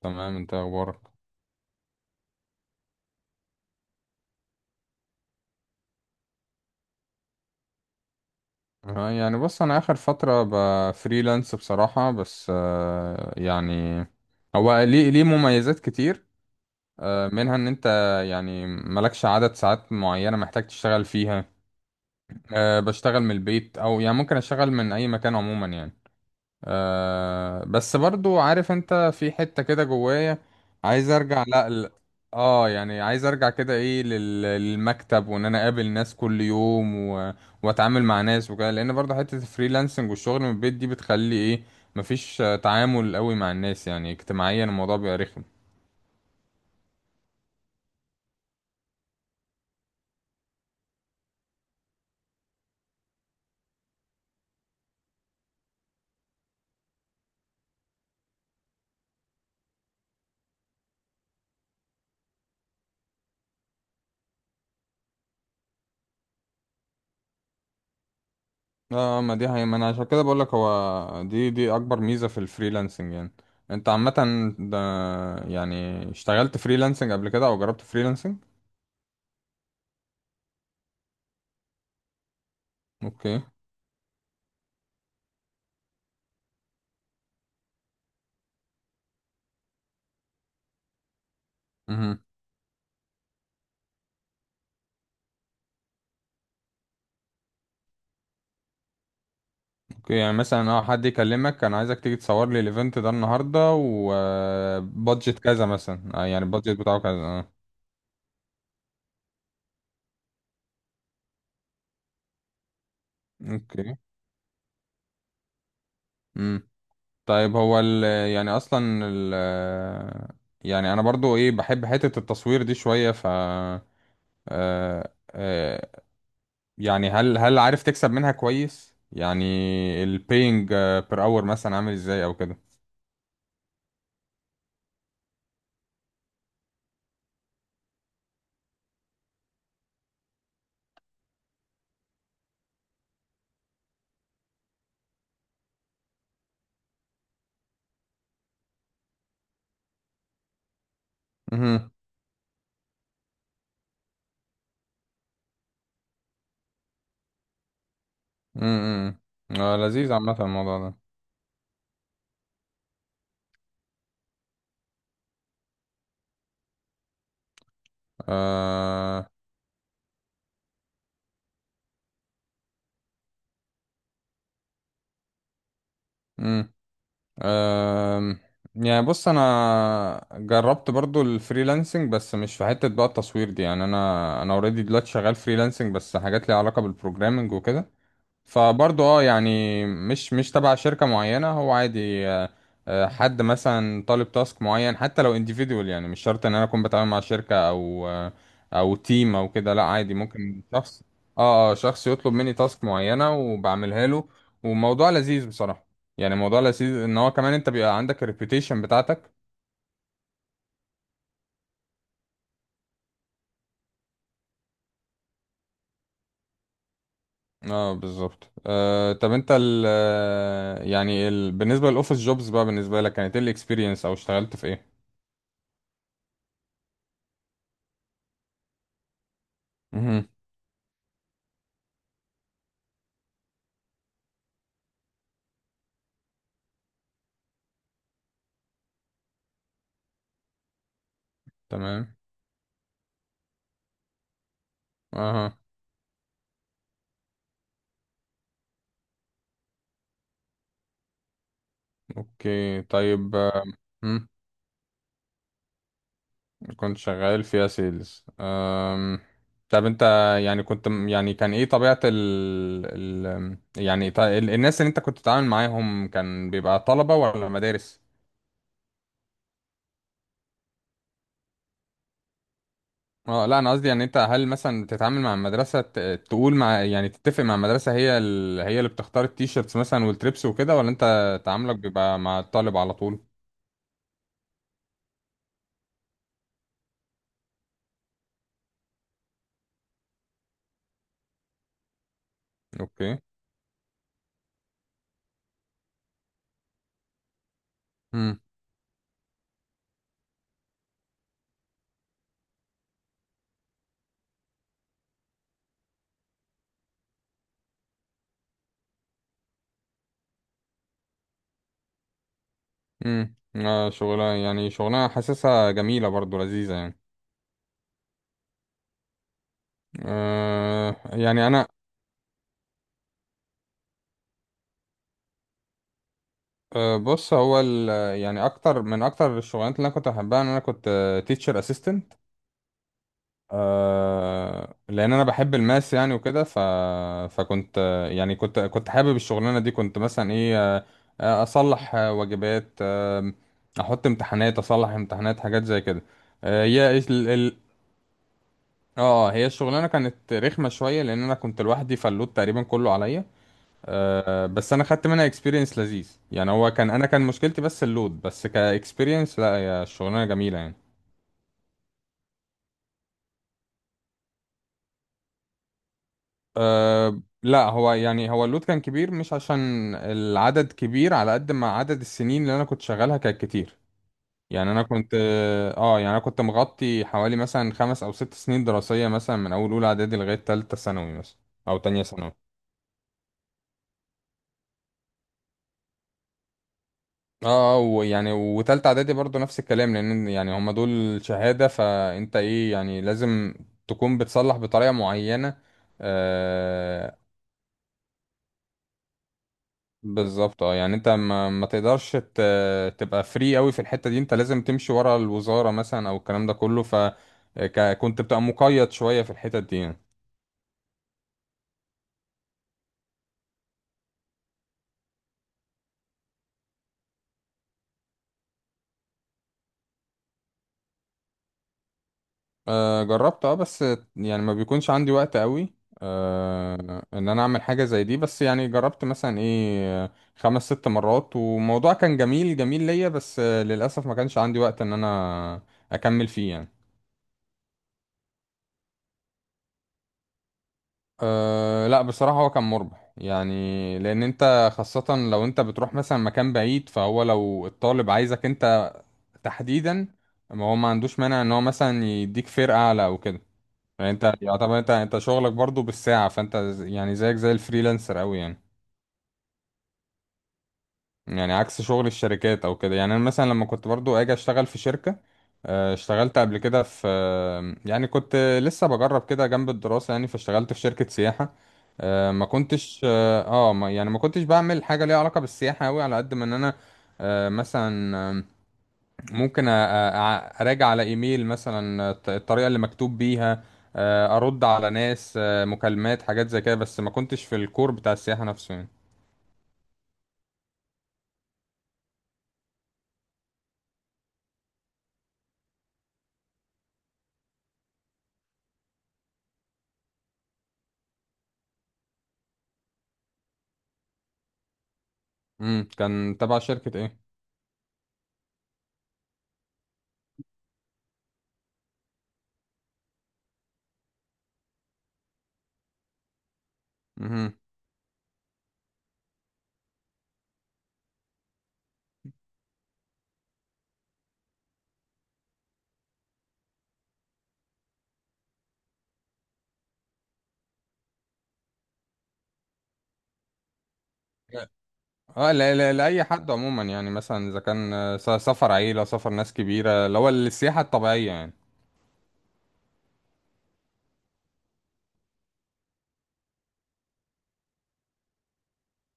تمام، انت ايه اخبارك؟ يعني بص، انا اخر فتره بفريلانس بصراحه، بس هو ليه مميزات كتير. منها ان انت يعني مالكش عدد ساعات معينه محتاج تشتغل فيها. بشتغل من البيت او يعني ممكن اشتغل من اي مكان عموما يعني. بس برضو، عارف انت في حتة كده جوايا عايز ارجع، لا ل... اه يعني عايز ارجع كده ايه للمكتب، وان انا اقابل ناس كل يوم و... واتعامل مع ناس وكده، لان برضو حتة الفريلانسنج والشغل من البيت دي بتخلي ايه، مفيش تعامل قوي مع الناس، يعني اجتماعيا الموضوع بيبقى رخم. اه ما دي هي، ما انا عشان كده بقولك هو دي اكبر ميزة في الفريلانسنج يعني. انت عامة ده، يعني اشتغلت فريلانسنج قبل كده او جربت فريلانسنج؟ اوكي. مهم. اوكي، يعني مثلا حد يكلمك انا عايزك تيجي تصور لي الايفنت ده النهارده، وبادجت كذا مثلا، يعني البادجت بتاعه كذا اوكي. امم طيب، هو ال يعني اصلا ال يعني انا برضو ايه بحب حتة التصوير دي شوية، ف آه، آه، يعني هل عارف تكسب منها كويس يعني؟ البينج بير اور مثلا عامل ازاي او كده؟ امم امم لذيذ عامة الموضوع ده. آه، مم. أم، يعني بص، انا جربت برضو الفريلانسنج بس مش في حتة بقى التصوير دي، يعني انا اوريدي دلوقتي شغال فريلانسنج بس حاجات ليها علاقة بالبروجرامنج وكده. فبرضه، يعني مش تبع شركة معينة، هو عادي. حد مثلا طالب تاسك معين، حتى لو individual، يعني مش شرط ان انا اكون بتعامل مع شركة او او تيم او كده، لا عادي ممكن شخص، اه، اه، شخص يطلب مني تاسك معينة وبعملها له. وموضوع لذيذ بصراحة، يعني موضوع لذيذ ان هو كمان انت بيبقى عندك الريبيوتيشن بتاعتك. اه بالظبط. طب انت ال آه، يعني ال بالنسبة للاوفيس جوبز بقى، بالنسبة لك كانت ايه الاكسبيرينس او اشتغلت في ايه؟ مهم. تمام. اها. اوكي، طيب. آم، مم، كنت شغال فيها سيلز. أم. طب انت، يعني كنت، كان ايه طبيعة ال، الناس اللي انت كنت بتتعامل معاهم كان بيبقى طلبة ولا مدارس؟ اه لا، انا قصدي يعني انت هل مثلا تتعامل مع المدرسة، ت... تقول مع يعني تتفق مع المدرسة، هي هي اللي بتختار التيشيرتس مثلا والتريبس وكده، ولا انت تعاملك بيبقى مع الطالب على طول؟ اوكي. شغلها، حاسسها جميلة، برضو لذيذة يعني. يعني انا آه بص، هو اكتر الشغلانات اللي انا كنت بحبها ان انا كنت تيتشر اسيستنت. لان انا بحب الماس يعني وكده، ف فكنت يعني كنت حابب الشغلانة دي. كنت مثلا ايه، اصلح واجبات، احط امتحانات، اصلح امتحانات، حاجات زي كده. آه، هي اه هي الشغلانه كانت رخمه شويه لان انا كنت لوحدي، فاللود تقريبا كله عليا. بس انا خدت منها اكسبيرينس لذيذ، يعني هو كان انا، كان مشكلتي بس اللود، بس كاكسبيرينس لا، هي الشغلانه جميله يعني. لا، هو اللود كان كبير مش عشان العدد كبير، على قد ما عدد السنين اللي انا كنت شغالها كانت كتير. يعني انا كنت مغطي حوالي مثلا 5 او 6 سنين دراسيه، مثلا من اول اولى اعدادي لغايه ثالثه ثانوي مثلا، او تانية ثانوي. اه، ويعني وتالتة اعدادي برضو نفس الكلام، لان يعني هما دول شهادة، فانت ايه يعني لازم تكون بتصلح بطريقة معينة آه بالظبط. اه يعني انت ما تقدرش تبقى فري قوي في الحتة دي، انت لازم تمشي ورا الوزارة مثلا او الكلام ده كله، فكنت بتبقى مقيد شوية في الحتة دي يعني. جربت، اه، بس يعني ما بيكونش عندي وقت قوي ان انا اعمل حاجة زي دي، بس يعني جربت مثلا ايه 5 6 مرات، والموضوع كان جميل جميل ليا، بس للأسف ما كانش عندي وقت ان انا اكمل فيه يعني. أه لا، بصراحة هو كان مربح يعني، لأن أنت خاصة لو أنت بتروح مثلا مكان بعيد، فهو لو الطالب عايزك أنت تحديدا، ما هو ما عندوش مانع إن هو مثلا يديك فرقة أعلى أو كده. يعني انت يعتبر، انت شغلك برضو بالساعة، فانت، زيك زي الفريلانسر قوي يعني. يعني عكس شغل الشركات او كده. يعني انا مثلا لما كنت برضو اجي اشتغل في شركة، اشتغلت قبل كده في، يعني كنت لسه بجرب كده جنب الدراسة يعني، فاشتغلت في شركة سياحة. ما كنتش ما كنتش بعمل حاجة ليها علاقة بالسياحة قوي، على قد ما ان انا مثلا ممكن اراجع على ايميل مثلا الطريقه اللي مكتوب بيها، ارد على ناس، مكالمات، حاجات زي كده، بس ما كنتش في الكور بتاع السياحه نفسه يعني. كان تبع شركه ايه؟ امم. اه لا، لا، لاي حد عموما، يعني مثلا اذا كان سفر عيله، سفر ناس كبيره، اللي هو السياحه الطبيعيه يعني.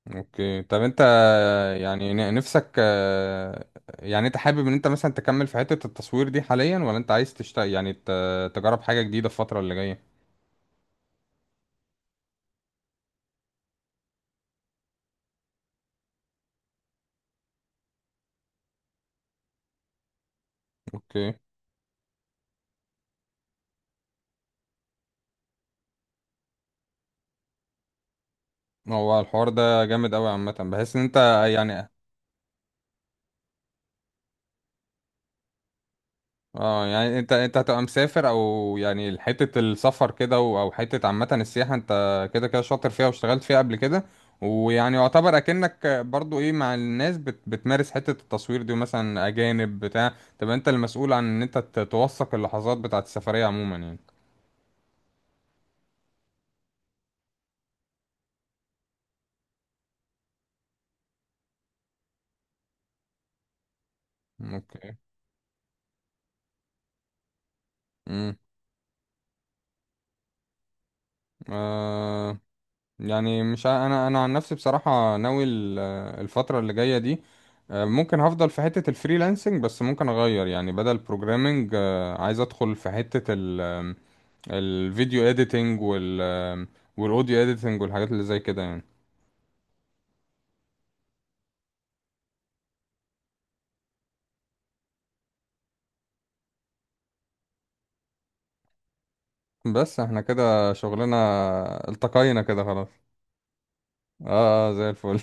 اوكي، طب انت، يعني نفسك، يعني انت حابب ان انت مثلا تكمل في حته التصوير دي حاليا، ولا انت عايز تشتغل يعني تجرب حاجه جديده في الفتره اللي جايه؟ اوكي. هو الحوار ده جامد قوي عامه، بحس ان انت، يعني، انت هتبقى مسافر، او يعني حته السفر كده، او حته عامه السياحه، انت كده كده شاطر فيها واشتغلت فيها قبل كده، ويعني يعتبر اكنك برضو ايه مع الناس، بتمارس حته التصوير دي، مثلا اجانب بتاع، تبقى انت المسؤول عن ان انت توثق اللحظات بتاعه السفريه عموما يعني. اوكي. امم يعني مش، انا عن نفسي بصراحه ناوي الفتره اللي جايه دي، ممكن هفضل في حته الفريلانسنج، بس ممكن اغير، يعني بدل بروجرامنج عايز ادخل في حته ال- آم، الفيديو اديتنج، والاوديو اديتنج، والحاجات اللي زي كده يعني. بس احنا كده شغلنا التقينا كده خلاص. اه. زي الفل